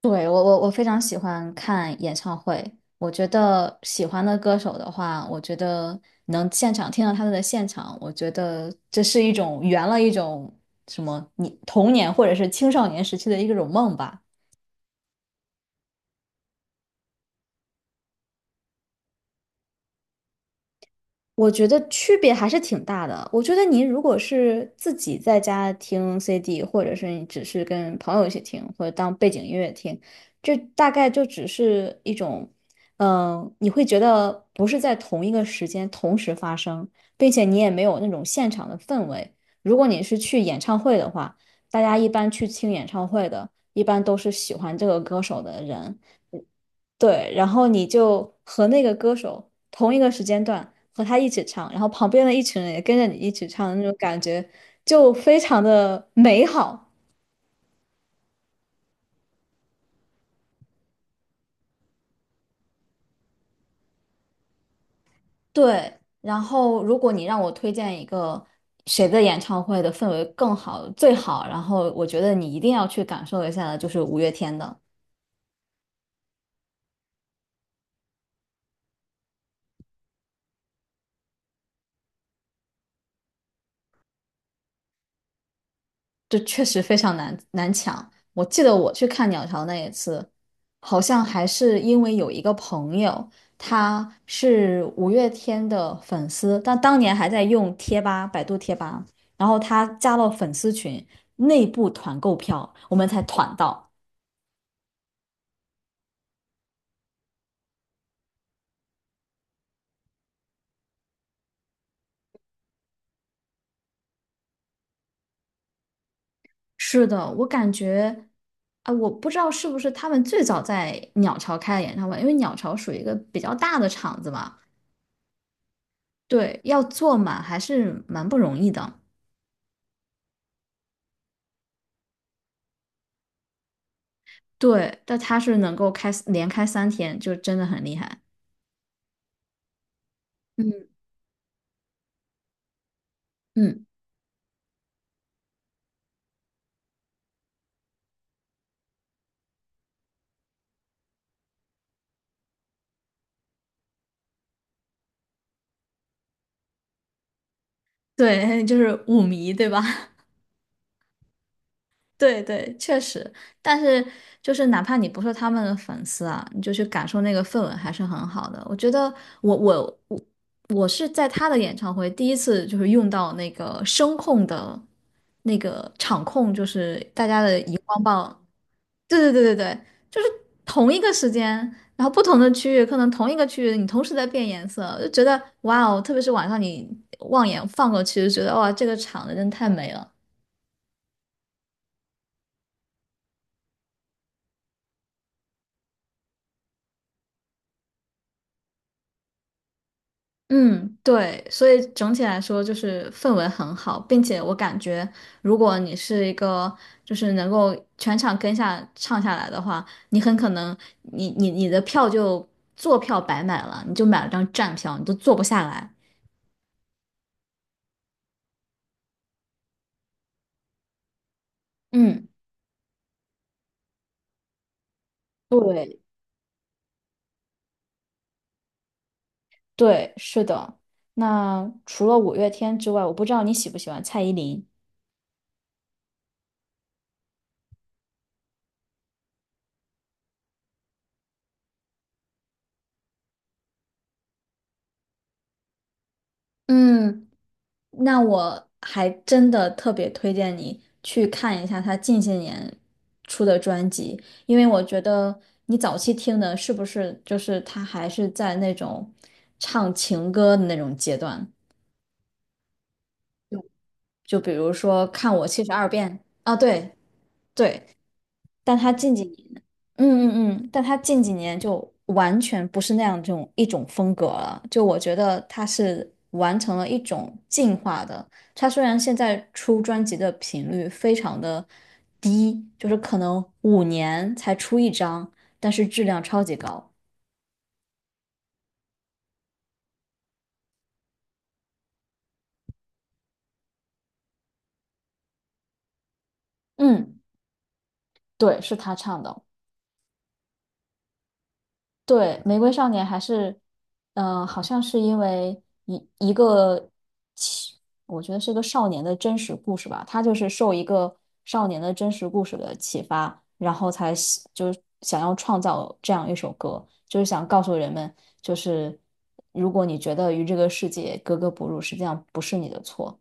对，我非常喜欢看演唱会。我觉得喜欢的歌手的话，我觉得能现场听到他们的现场，我觉得这是一种圆了一种什么你童年或者是青少年时期的一种梦吧。我觉得区别还是挺大的。我觉得您如果是自己在家听 CD，或者是你只是跟朋友一起听，或者当背景音乐听，这大概就只是一种，你会觉得不是在同一个时间同时发生，并且你也没有那种现场的氛围。如果你是去演唱会的话，大家一般去听演唱会的，一般都是喜欢这个歌手的人，对，然后你就和那个歌手同一个时间段和他一起唱，然后旁边的一群人也跟着你一起唱，那种感觉就非常的美好。对，然后如果你让我推荐一个谁的演唱会的氛围更好、最好，然后我觉得你一定要去感受一下的，就是五月天的。这确实非常难抢。我记得我去看鸟巢那一次，好像还是因为有一个朋友，他是五月天的粉丝，但当年还在用贴吧，百度贴吧，然后他加了粉丝群，内部团购票，我们才团到。是的，我感觉，啊，我不知道是不是他们最早在鸟巢开的演唱会，因为鸟巢属于一个比较大的场子嘛，对，要坐满还是蛮不容易的。对，但他是能够开连开3天，就真的很厉害。嗯，嗯，对，就是舞迷，对吧？对对，确实。但是就是哪怕你不是他们的粉丝啊，你就去感受那个氛围还是很好的。我觉得我我我我是在他的演唱会第一次就是用到那个声控的那个场控，就是大家的荧光棒。对对对对对，就是同一个时间，然后不同的区域，可能同一个区域你同时在变颜色，就觉得哇哦，特别是晚上你望眼放过去，就觉得哇，这个场子真的太美了。嗯，对，所以整体来说就是氛围很好，并且我感觉，如果你是一个就是能够全场跟下唱下来的话，你很可能你的票就坐票白买了，你就买了张站票，你都坐不下来。嗯。对，对，是的。那除了五月天之外，我不知道你喜不喜欢蔡依林。嗯，那我还真的特别推荐你去看一下他近些年出的专辑，因为我觉得你早期听的是不是就是他还是在那种唱情歌的那种阶段，就比如说《看我七十二变》啊，对对，但他近几年但他近几年就完全不是那样这种一种风格了。就我觉得他是完成了一种进化的。他虽然现在出专辑的频率非常的低，就是可能5年才出一张，但是质量超级高。嗯，对，是他唱的。对，《玫瑰少年》还是，好像是因为一个其我觉得是个少年的真实故事吧，他就是受一个少年的真实故事的启发，然后才就是想要创造这样一首歌，就是想告诉人们，就是如果你觉得与这个世界格格不入，实际上不是你的错。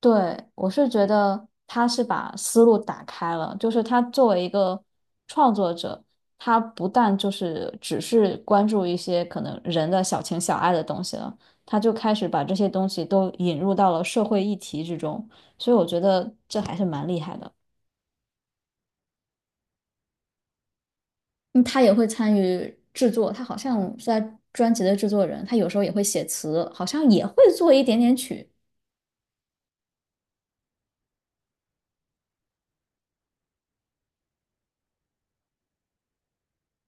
对，我是觉得他是把思路打开了，就是他作为一个创作者，他不但就是只是关注一些可能人的小情小爱的东西了，他就开始把这些东西都引入到了社会议题之中，所以我觉得这还是蛮厉害的。嗯，他也会参与制作，他好像是在专辑的制作人，他有时候也会写词，好像也会做一点点曲。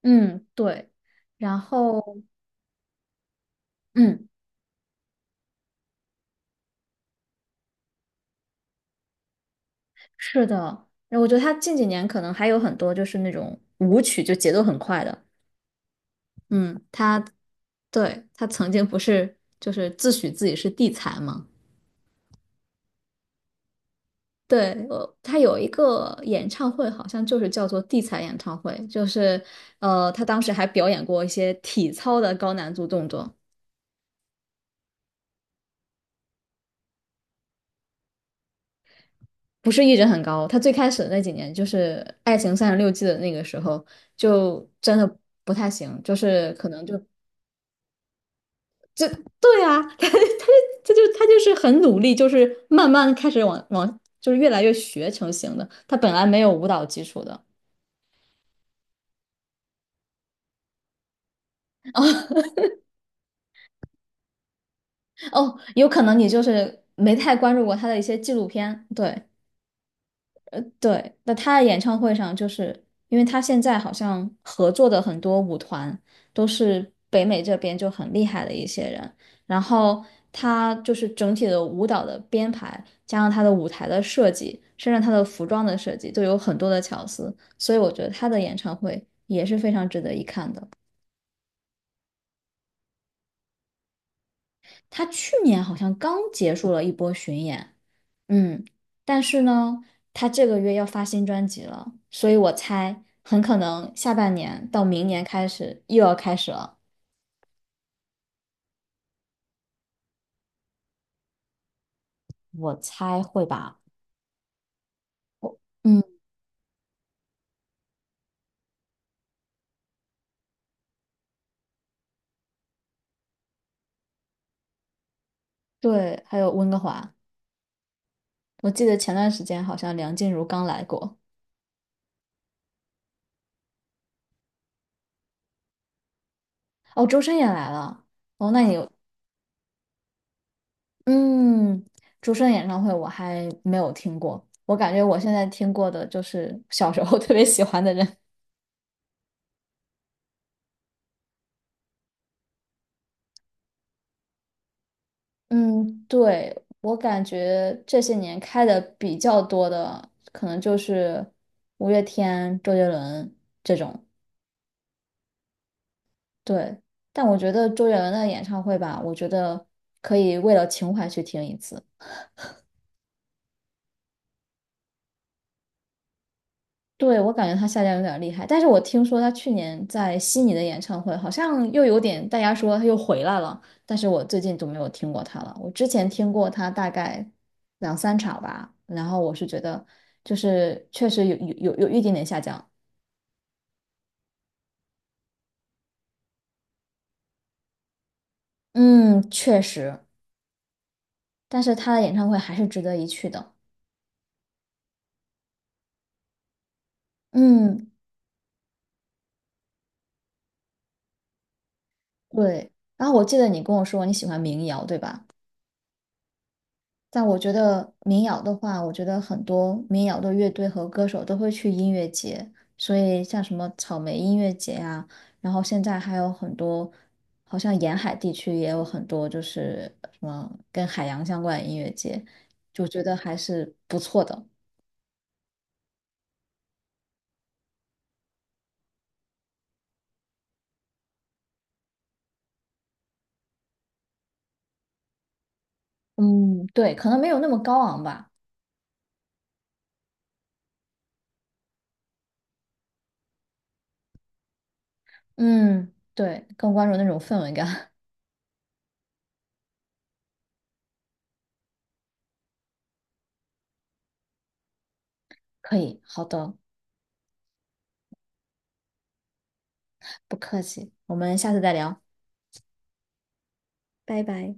嗯，对，然后，嗯。是的，然后我觉得他近几年可能还有很多就是那种舞曲，就节奏很快的。嗯，他对，他曾经不是就是自诩自己是地才嘛？对，他有一个演唱会，好像就是叫做地才演唱会，就是他当时还表演过一些体操的高难度动作，不是一直很高。他最开始的那几年，就是《爱情三十六计》的那个时候，就真的不太行，就是可能就。对啊，他他他就他就是很努力，就是慢慢开始往往就是越来越学成型的。他本来没有舞蹈基础的哦，有可能你就是没太关注过他的一些纪录片，对，对，那他的演唱会上，就是因为他现在好像合作的很多舞团都是北美这边就很厉害的一些人，然后他就是整体的舞蹈的编排，加上他的舞台的设计，甚至他的服装的设计，都有很多的巧思，所以我觉得他的演唱会也是非常值得一看的。他去年好像刚结束了一波巡演，嗯，但是呢，他这个月要发新专辑了，所以我猜很可能下半年到明年开始又要开始了。我猜会吧。我嗯，对，还有温哥华，我记得前段时间好像梁静茹刚来过，哦，周深也来了，哦，那你有，嗯，周深演唱会我还没有听过，我感觉我现在听过的就是小时候特别喜欢的人。嗯，对，我感觉这些年开的比较多的，可能就是五月天、周杰伦这种。对，但我觉得周杰伦的演唱会吧，我觉得可以为了情怀去听一次。对，我感觉他下降有点厉害，但是我听说他去年在悉尼的演唱会好像又有点，大家说他又回来了，但是我最近都没有听过他了。我之前听过他大概两三场吧，然后我是觉得就是确实有一点点下降，嗯，确实，但是他的演唱会还是值得一去的，嗯，对。然后我记得你跟我说你喜欢民谣，对吧？但我觉得民谣的话，我觉得很多民谣的乐队和歌手都会去音乐节，所以像什么草莓音乐节啊，然后现在还有很多，好像沿海地区也有很多，就是什么跟海洋相关的音乐节，就觉得还是不错的。嗯，对，可能没有那么高昂吧。嗯，对，更关注那种氛围感。可以，好的，不客气，我们下次再聊，拜拜。